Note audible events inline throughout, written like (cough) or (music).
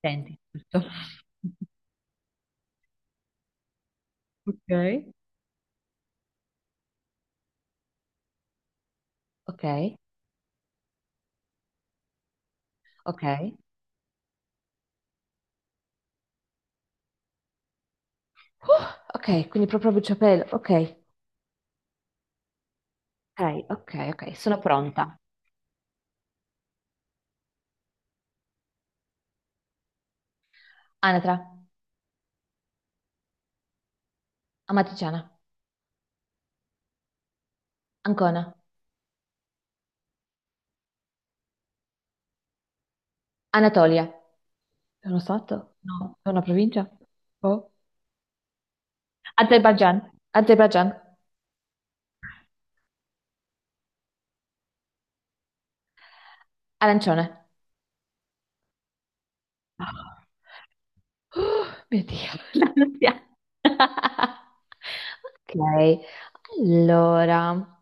Senti, giusto? Ok. Ok, ok. Ok, quindi proprio a bruciapelo. Ok, ok, ok, ok. Sono pronta. Anatra, amatriciana, Ancona, Anatolia. È uno stato? No, è una provincia? Boh. Azerbaijan, Azerbaijan, arancione. Ah. Oh, mio Dio, (laughs) l'ansia. (laughs) Ok, allora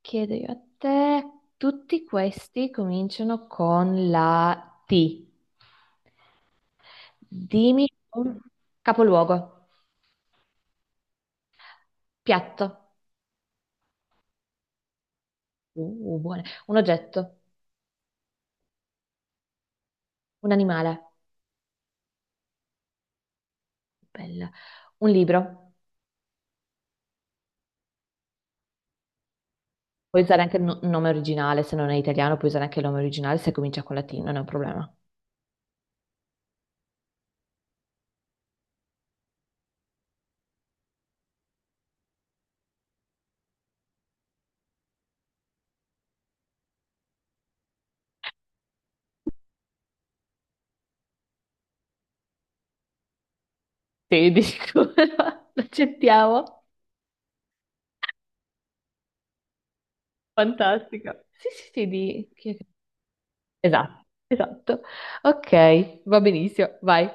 chiedo io a te, tutti questi cominciano con la T. Dimmi un capoluogo, piatto, buone. Un oggetto, un animale, bella. Un libro, puoi usare anche il nome originale, se non è italiano puoi usare anche il nome originale se comincia con la T, non è un problema. Sì, dico, (laughs) l'accettiamo. Fantastica. Sì, sì, sì, di... Esatto, esatto. Ok, va benissimo, vai.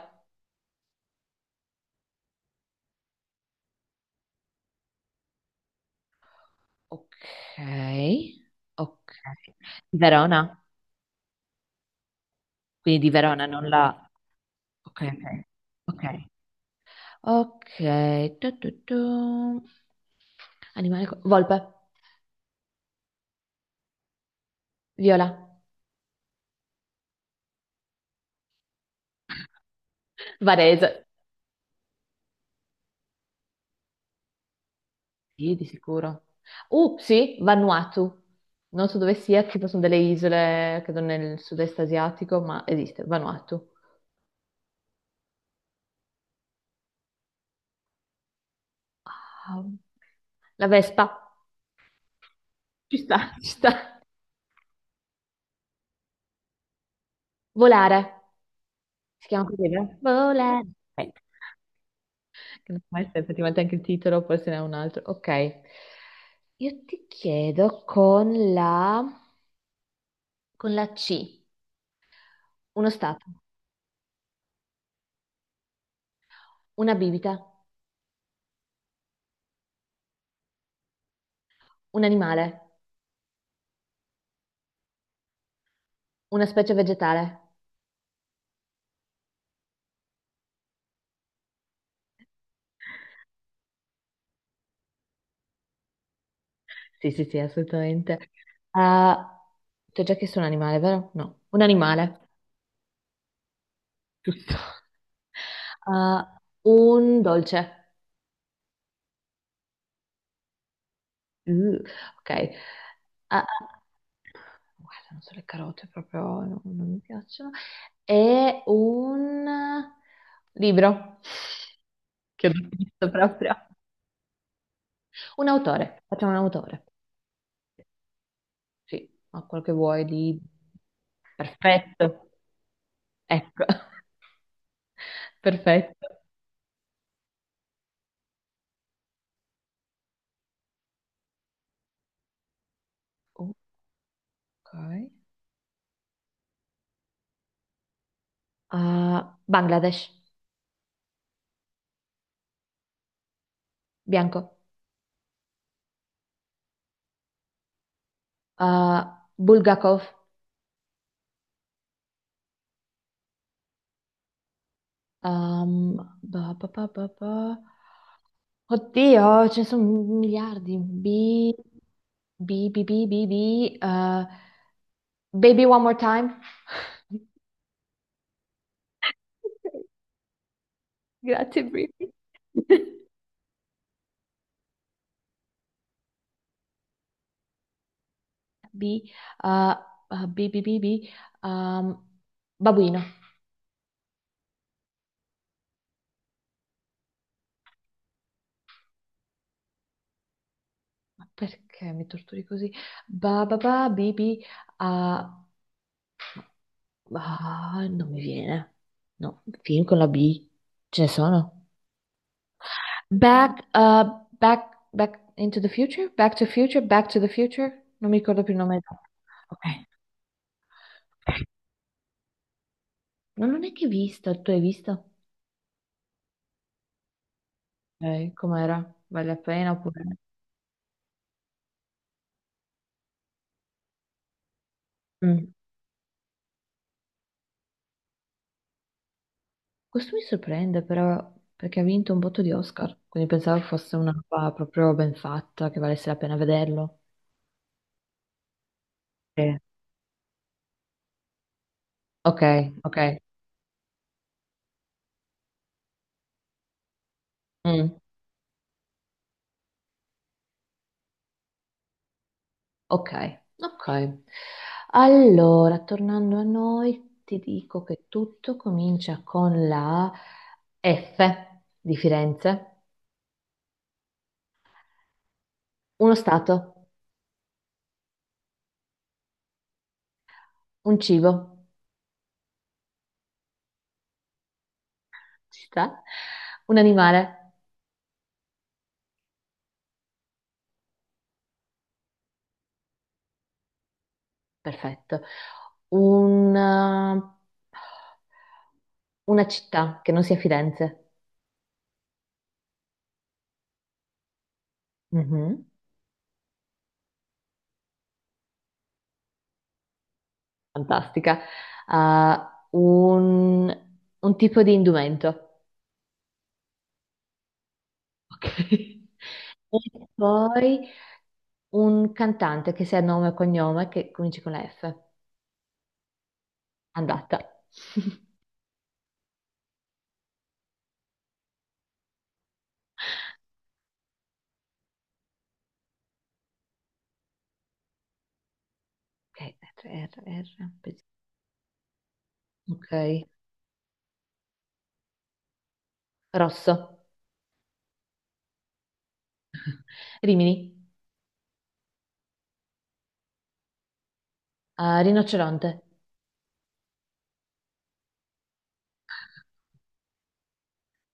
Ok, ok. Di Verona? Quindi di Verona, non la... Ok, ok, ok. Ok, tu. Animale... volpe, viola, Varese. Sì, di sicuro. Sì, Vanuatu. Non so dove sia, tipo sono delle isole, credo nel sud-est asiatico, ma esiste, Vanuatu. Ah, la Vespa. Ci sta, ci sta. Volare. Si chiama così, vero? Volare. Ok. Che non so mai se effettivamente anche il titolo, poi se n'è un altro. Ok. Io ti chiedo con la C. Uno stato, una bibita, un animale, una specie vegetale. Sì, sì, sì, assolutamente. Ah, ti ho già chiesto un animale, vero? No, un animale, giusto. Ah, un dolce. Uh, ok. Ah, ah, guarda, non so, le carote proprio non mi piacciono. E un libro. Che ho visto proprio. Un autore, facciamo un autore. Sì, ma quel che vuoi di... Perfetto, ecco, (laughs) perfetto. Ok. Ah, Bangladesh. Bianco. Ah, Bulgakov. Ehm, ba, ba, ba, ba, ba. Oddio, ce ne sono miliardi. B, B, B, B, B, B. eh, Baby One More Time. (laughs) Grazie, Brittany. (laughs) B, uh, uh, B, B, B, B, um, babuino. Ma perché mi torturi così? Ba, ba, ba, B, B, uh, ah, non mi viene. No, film con la B. Ce ne sono? Back, back, back into the future? Back to future? Back to the Future? Non mi ricordo più il nome. Ok. No, non è che hai visto, tu hai visto? Com'era? Vale la pena oppure... Mm. Questo mi sorprende però perché ha vinto un botto di Oscar, quindi pensavo fosse una roba proprio ben fatta, che valesse la pena vederlo. Sì. Ok, ok. Mm. Ok, ok. Allora, tornando a noi, ti dico che tutto comincia con la F di Firenze, uno stato, un cibo, ci sta, un animale, perfetto, una, una città che non sia Firenze, mhm, fantastica, ah, un tipo di indumento. Ok. E poi un cantante che sia nome e cognome che cominci con la F. Andata. (laughs) Ok, R, R, R. Ok. Rosso. Rimini. Rinoceronte.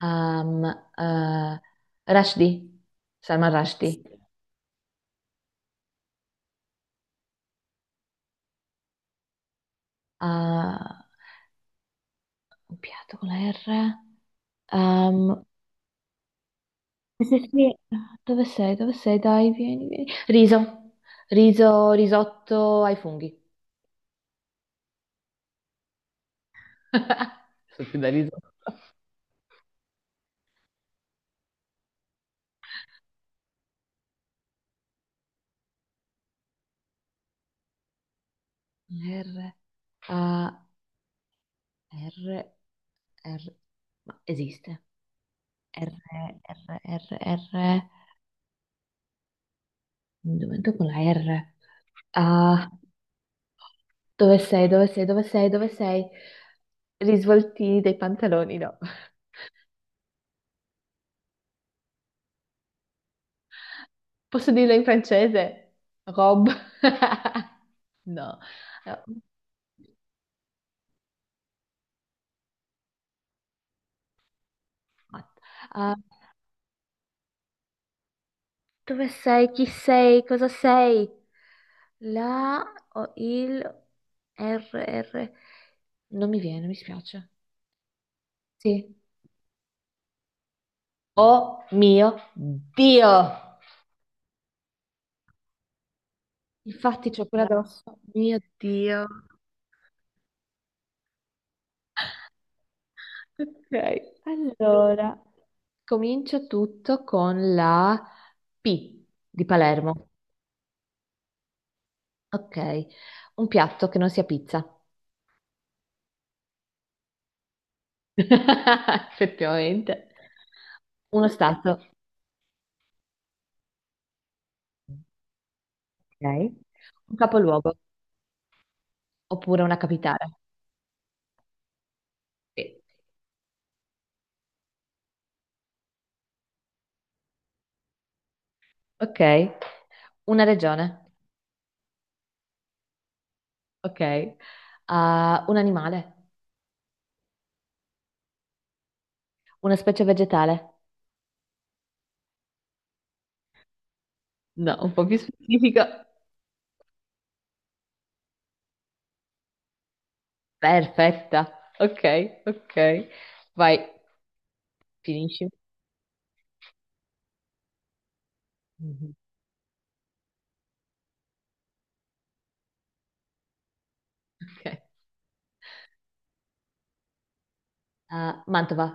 Ehm, eh, Rushdie. Salman Rushdie. Ah, un piatto con la R. Ehm, sì, sì. Dove sei? Dove sei? Dai, vieni, vieni. Riso. Riso, risotto ai funghi. Sono più da riso. R, A, R, R, ma esiste. R, R, R, R, un momento con la R. Ah, dove sei, dove sei, dove sei, dove sei? Risvoltini dei pantaloni, no. Posso dirlo in francese? Rob. (laughs) No. Eh, mat- ah, dove sei, chi sei, cosa sei? La o il R, R. Non mi viene, mi spiace. Sì. Oh mio Dio! Infatti c'ho quella addosso. Mio Dio. Ok. Allora, comincio tutto con la P di Palermo. Ok. Un piatto che non sia pizza. (laughs) Effettivamente. Uno stato. Ok. Un capoluogo oppure una capitale. Sì. Ok. Una regione. Ok. Ah, un animale. Una specie vegetale. No, un po' più specifica. Perfetta. Ok, ok. Vai, finisci. Mhm. Ok. Ah, Mantova.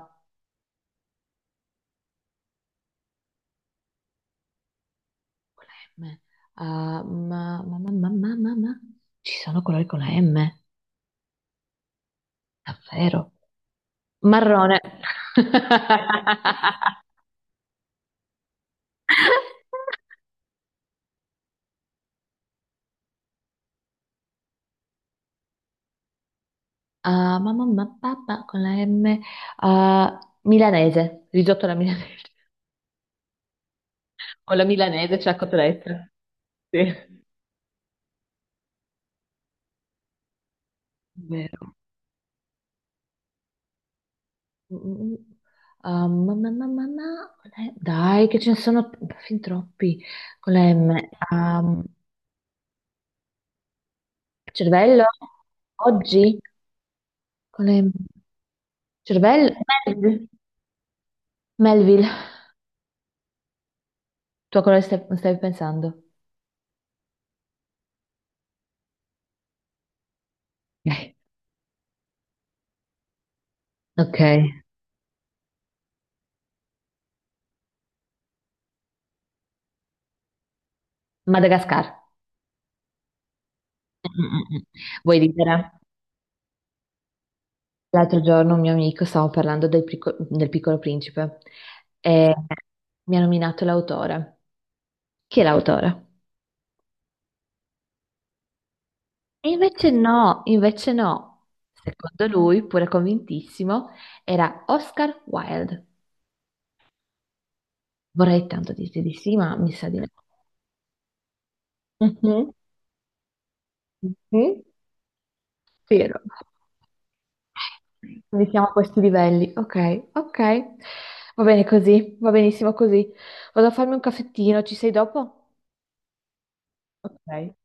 Con la M. Ah, Ci sono colori con la M, davvero. Marrone. (laughs) Ah, con la M. Ah, milanese. Risotto alla milanese. (laughs) Con la milanese c'è la cotoletta. Sì. Vero. Mm, ah, dai, che ce ne sono fin troppi con la M. Ah, cervello? Oggi? Con la M. Cervello? Melville. Melville. Tu a cosa stavi pensando? (laughs) Eh, ok. Madagascar. Mm-mm-mm. Vuoi ridere? L'altro giorno un mio amico stavo parlando del Piccolo Principe e mi ha nominato l'autore. Chi è l'autore? E invece no, invece no. Secondo lui, pure convintissimo, era Oscar Wilde. Vorrei tanto dirti di sì, ma mi sa di no. Mhm, mhm, vero. Quindi siamo a questi livelli. Ok, ok. Va bene così, va benissimo così. Vado a farmi un caffettino, ci sei dopo? Ok.